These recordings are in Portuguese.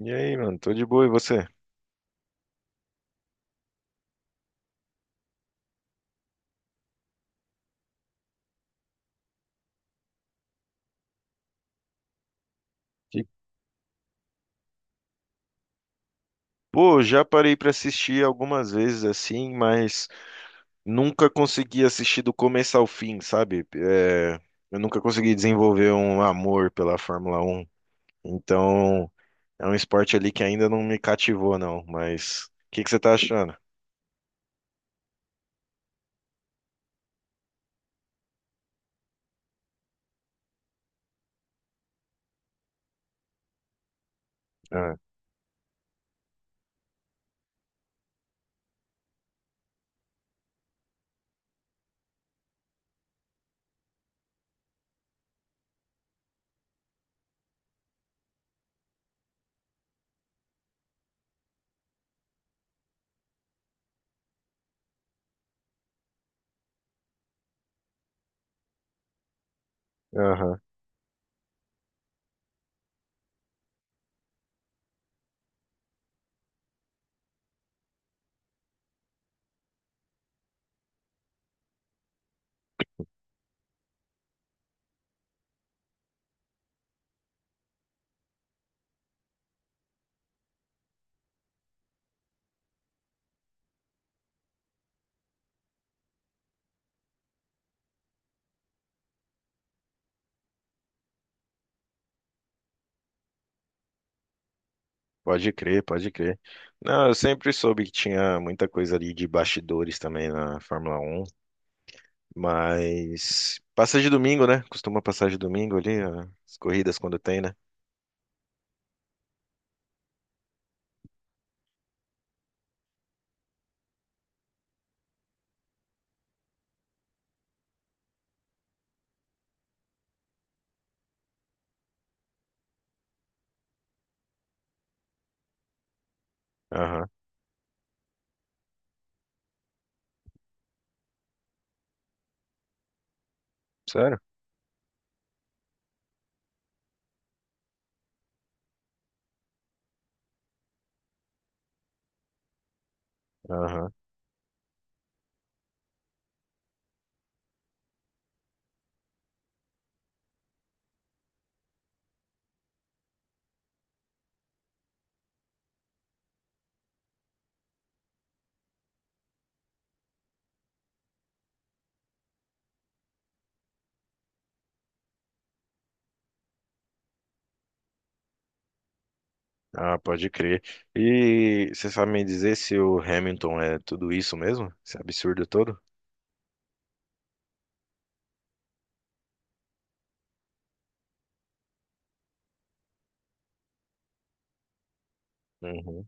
E aí, mano, tô de boa, e você? E, pô, já parei pra assistir algumas vezes assim, mas nunca consegui assistir do começo ao fim, sabe? É, eu nunca consegui desenvolver um amor pela Fórmula Um. Então, é um esporte ali que ainda não me cativou, não. Mas o que que você tá achando? Ah. Aham. Pode crer, pode crer. Não, eu sempre soube que tinha muita coisa ali de bastidores também na Fórmula 1. Mas passa de domingo, né? Costuma passar de domingo ali, ó, as corridas quando tem, né? Aham. Sério? Aham. Ah, pode crer. E você sabe me dizer se o Hamilton é tudo isso mesmo? Esse absurdo todo? Uhum.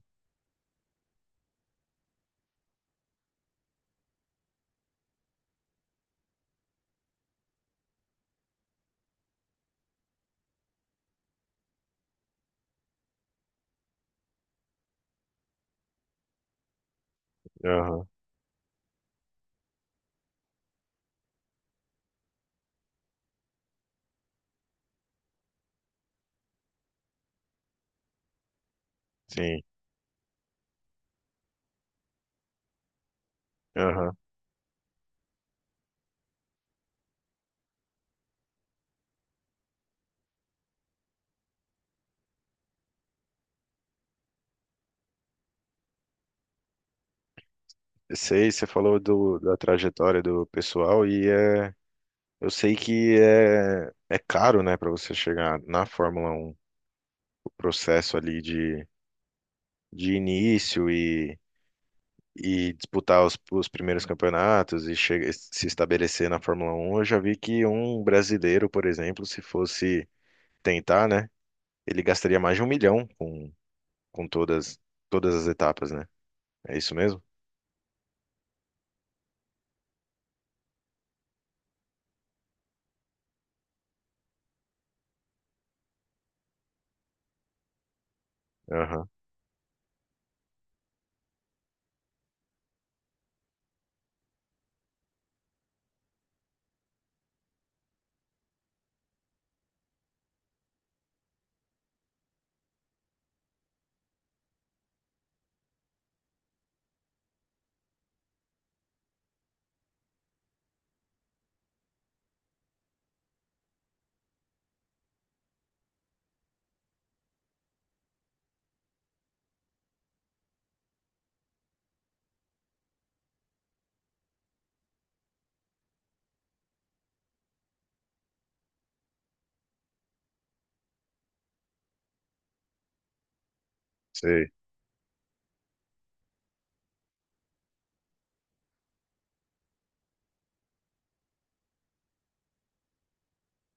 Aham. Sim. Aham. Eu sei, você falou da trajetória do pessoal e, é, eu sei que é caro, né, para você chegar na Fórmula Um, o processo ali de início e disputar os primeiros campeonatos e se estabelecer na Fórmula Um. Eu já vi que um brasileiro, por exemplo, se fosse tentar, né, ele gastaria mais de um milhão com todas as etapas, né? É isso mesmo? Aham, sei.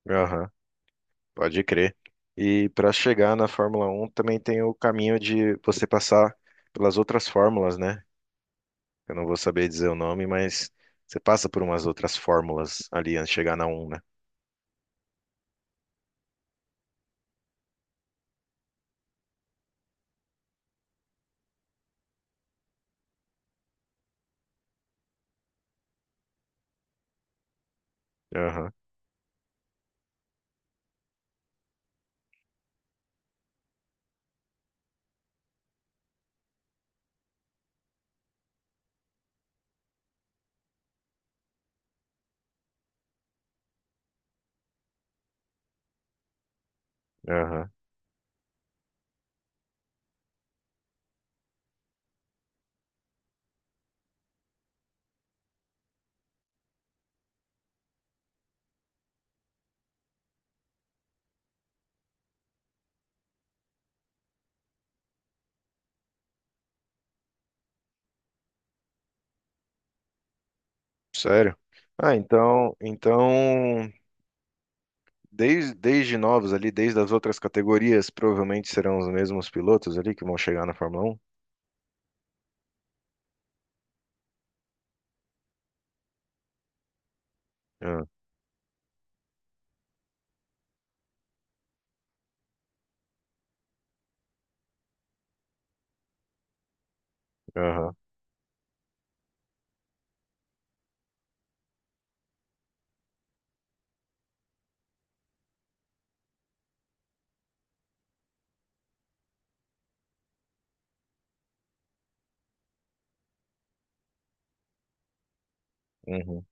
Aham, pode crer. E para chegar na Fórmula Um também tem o caminho de você passar pelas outras fórmulas, né? Eu não vou saber dizer o nome, mas você passa por umas outras fórmulas ali antes de chegar na um, né? Aham, aham. Sério? Ah, então desde novos ali, desde as outras categorias, provavelmente serão os mesmos pilotos ali que vão chegar na Fórmula Um. Ah. Aham, uhum,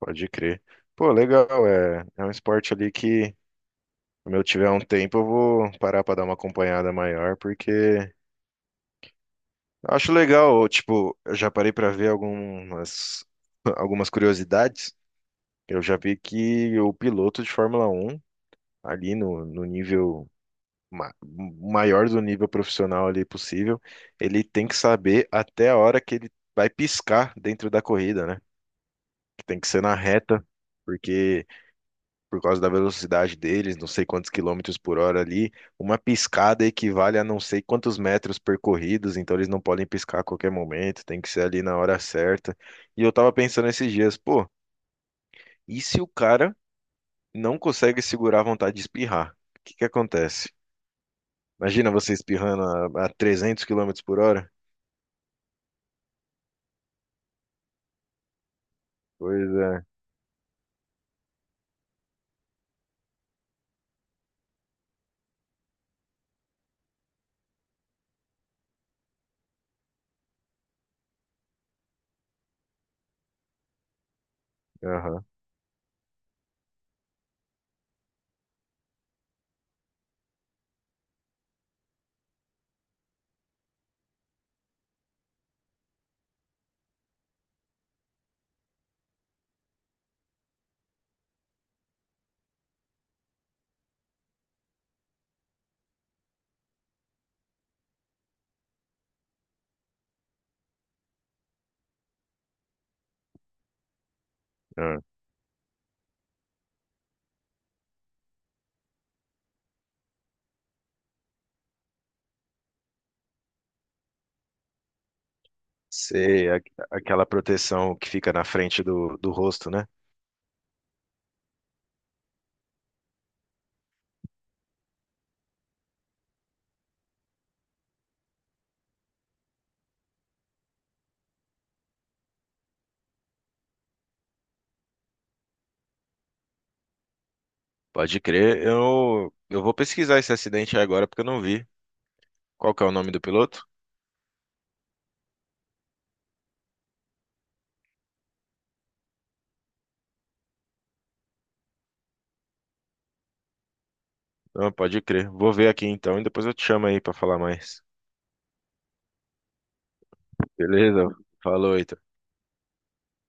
pode crer. Pô, legal, é, é um esporte ali que, quando eu tiver um tempo, eu vou parar para dar uma acompanhada maior, porque acho legal, tipo, eu já parei para ver algumas, algumas curiosidades. Eu já vi que o piloto de Fórmula Um ali no nível, ma- maior do nível profissional ali possível, ele tem que saber até a hora que ele vai piscar dentro da corrida, né? Que tem que ser na reta, porque por causa da velocidade deles, não sei quantos quilômetros por hora ali, uma piscada equivale a não sei quantos metros percorridos, então eles não podem piscar a qualquer momento, tem que ser ali na hora certa. E eu tava pensando esses dias, pô, e se o cara não consegue segurar a vontade de espirrar? O que que acontece? Imagina você espirrando a 300 quilômetros por hora. Coisa. Aham. Aham. Sei, aquela proteção que fica na frente do rosto, né? Pode crer. Eu vou pesquisar esse acidente aí agora porque eu não vi. Qual que é o nome do piloto? Ah, pode crer. Vou ver aqui então e depois eu te chamo aí pra falar mais. Beleza? Falou, então.